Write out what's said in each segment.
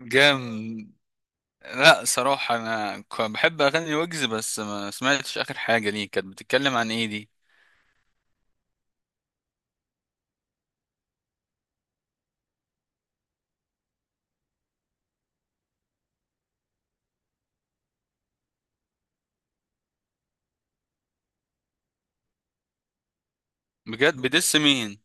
جام. لا، صراحة أنا بحب أغني ويجز، بس ما سمعتش آخر حاجة ليه، كانت بتتكلم عن إيه دي؟ بجد؟ بدس مين؟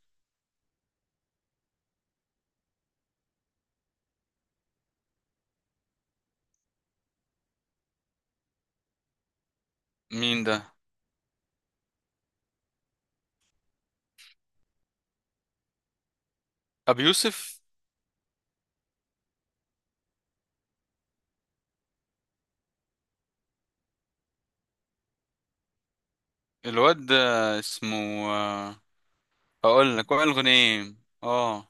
مين ده؟ أبي يوسف. الواد ده اسمه آه، هقول لك، وائل غنيم. اه.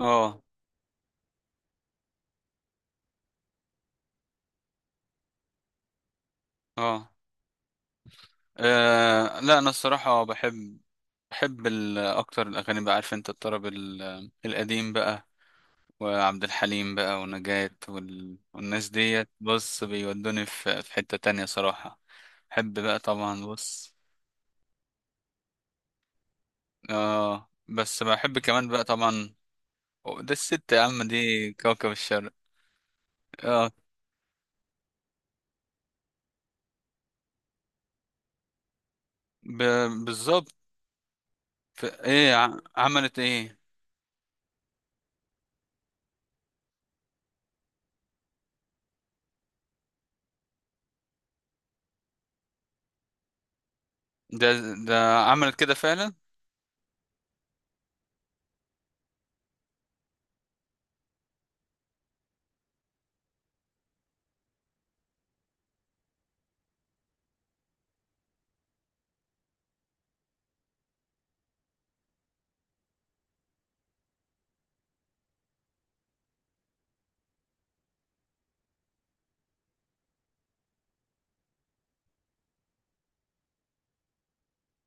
اه اه لا، أنا الصراحة بحب. بحب أكتر الأغاني بقى، عارف أنت، الطرب القديم بقى، وعبد الحليم بقى ونجاة والناس ديت، بص، بيودوني في حتة تانية صراحة. بحب بقى طبعا، بص. اه، بس بحب كمان بقى طبعا. ده الست يا عم، دي كوكب الشرق. اه. ب... بالظبط. ايه، عملت ايه؟ ده ده عملت كده فعلا؟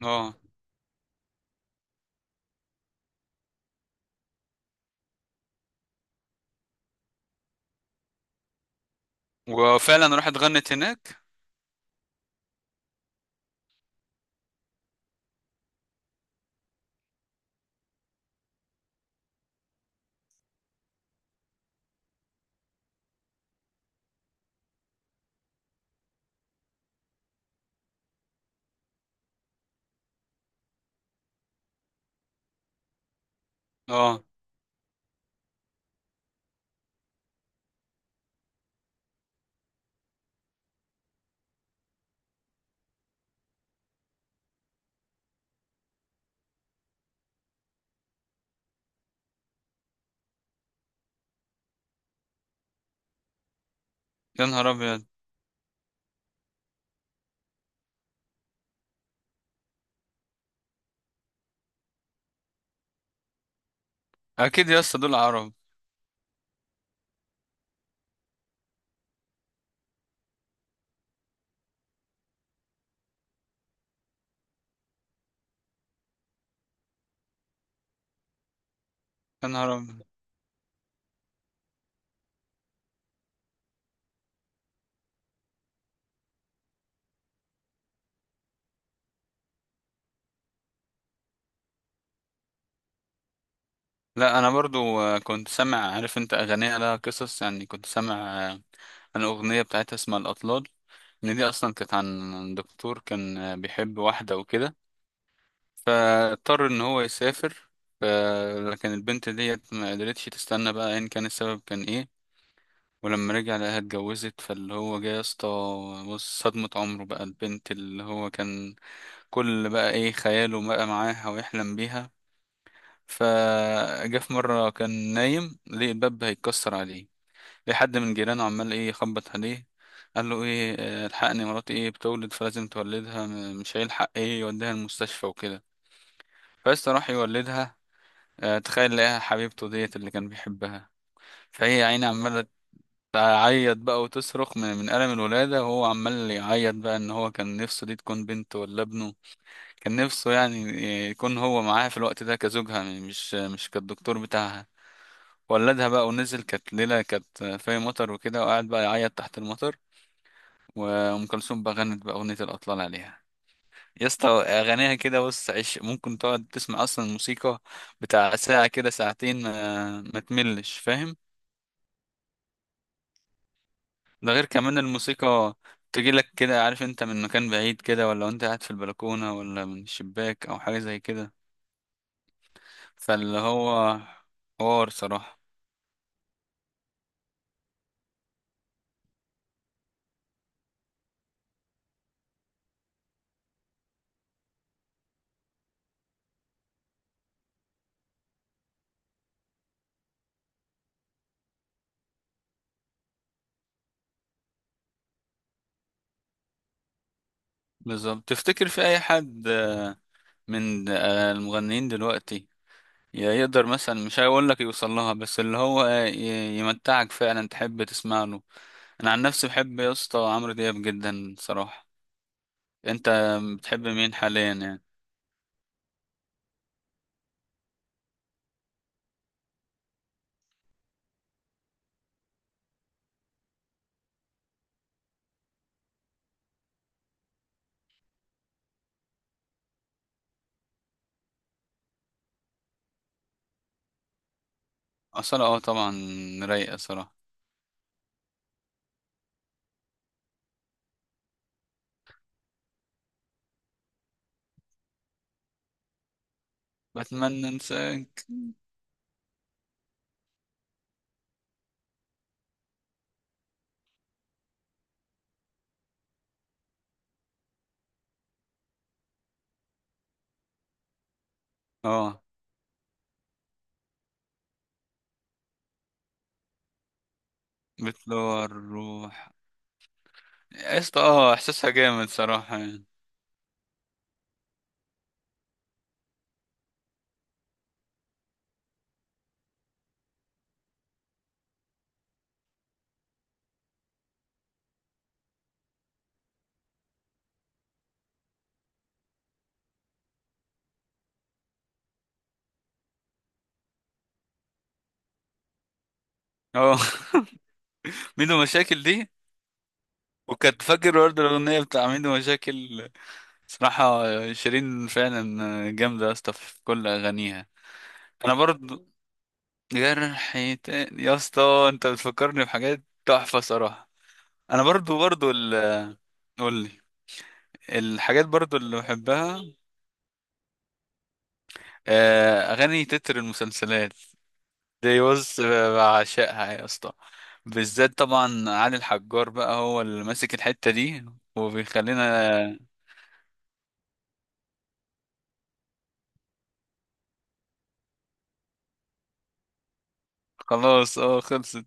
اه. وفعلا راحت غنت هناك؟ اه. يا نهار ابيض. اكيد يا اسطى، دول عرب. يا نهار ابيض. لا، انا برضو كنت سامع، عارف انت، اغانيها لها قصص يعني، كنت سامع آه، عن اغنيه بتاعتها اسمها الاطلال، ان دي اصلا كانت عن دكتور، كان بيحب واحده وكده، فاضطر ان هو يسافر. ف- لكن البنت ديت ما قدرتش تستنى بقى، ان كان السبب كان ايه. ولما رجع لقاها اتجوزت، فاللي هو جه يا اسطى، بص صدمة عمره بقى، البنت اللي هو كان كل بقى ايه خياله بقى معاها ويحلم بيها. فجاء في مرة كان نايم لقي الباب هيتكسر عليه، لقي حد من جيرانه عمال ايه يخبط عليه، قال له ايه الحقني مراتي ايه بتولد، فلازم تولدها، مش هيلحق ايه يوديها المستشفى وكده. فبس راح يولدها، تخيل لقاها حبيبته ديت اللي كان بيحبها. فهي يا عيني عمالة تعيط بقى وتصرخ من ألم الولادة، وهو عمال يعيط بقى، إن هو كان نفسه دي تكون بنته ولا ابنه، كان نفسه يعني يكون هو معاها في الوقت ده كزوجها، مش كالدكتور بتاعها. ولدها بقى ونزل، كانت ليلة كانت في مطر وكده، وقعد بقى يعيط تحت المطر. وأم كلثوم بقى غنت بقى أغنية الأطلال عليها. يا اسطى أغانيها كده، بص عيش، ممكن تقعد تسمع أصلا الموسيقى بتاع ساعة كده، ساعتين، ما تملش، فاهم؟ ده غير كمان الموسيقى تجيلك كده، عارف انت، من مكان بعيد كده، ولا انت قاعد في البلكونة، ولا من الشباك أو حاجة زي كده. فاللي هو حوار صراحة. بالظبط. تفتكر في أي حد من المغنيين دلوقتي يقدر مثلا، مش هيقول لك يوصل لها، بس اللي هو يمتعك فعلا تحب تسمع له؟ انا عن نفسي بحب يا اسطى عمرو دياب جدا صراحة. انت بتحب مين حاليا يعني؟ اصلا اه طبعا، رايقة صراحة. بتمنى انساك. اه، بتلوع الروح. يا اسطى، اه احساسها جامد صراحة يعني. اه. ميدو مشاكل دي. وكنت فاكر برضه الاغنية بتاع ميدو مشاكل، صراحة شيرين فعلا جامدة يا اسطى في كل اغانيها. انا برضه. جرح تاني يا اسطى، انت بتفكرني بحاجات تحفة صراحة. انا برضو برضو قولي. الحاجات برضو اللي بحبها. اغاني تتر المسلسلات دي، بص، بعشقها يا اسطى، بالذات طبعا علي الحجار بقى، هو اللي ماسك الحتة دي وبيخلينا. خلاص اه، خلصت.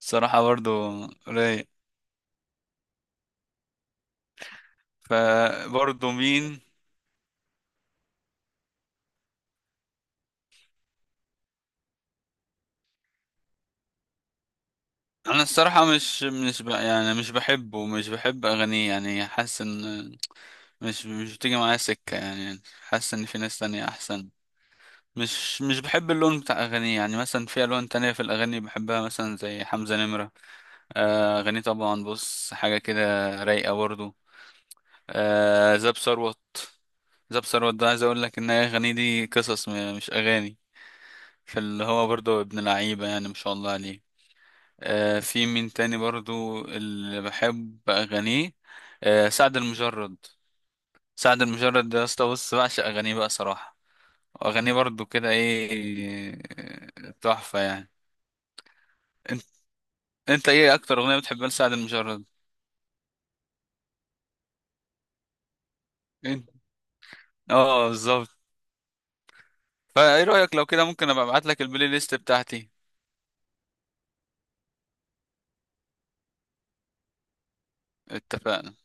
صراحة برضو رايق. فبرضو مين؟ انا الصراحة مش يعني مش بحبه، مش بحب اغانيه يعني، حاسس ان. مش بتيجي معايا سكة يعني، حاسس ان في ناس تانية احسن. مش بحب اللون بتاع اغانيه يعني، مثلا في الوان تانية في الاغاني بحبها، مثلا زي حمزة نمرة. اغانيه طبعا، بص حاجة كده رايقة برضه. زاب ثروت. زاب ثروت ده عايز اقول لك، ان هي اغانيه دي قصص، مش اغاني. فاللي هو برضه ابن لعيبة يعني ما شاء الله عليه. في مين تاني برضه اللي بحب اغانيه؟ سعد المجرد. سعد المجرد ده يا اسطى، بص بعشق اغانيه بقى صراحة. اغانيه برضو كده، ايه، تحفه يعني. انت انت ايه اكتر اغنيه بتحبها لسعد المجرد؟ انت. اه بالظبط. فايه رايك لو كده، ممكن ابقى ابعت لك البلاي ليست بتاعتي. اتفقنا.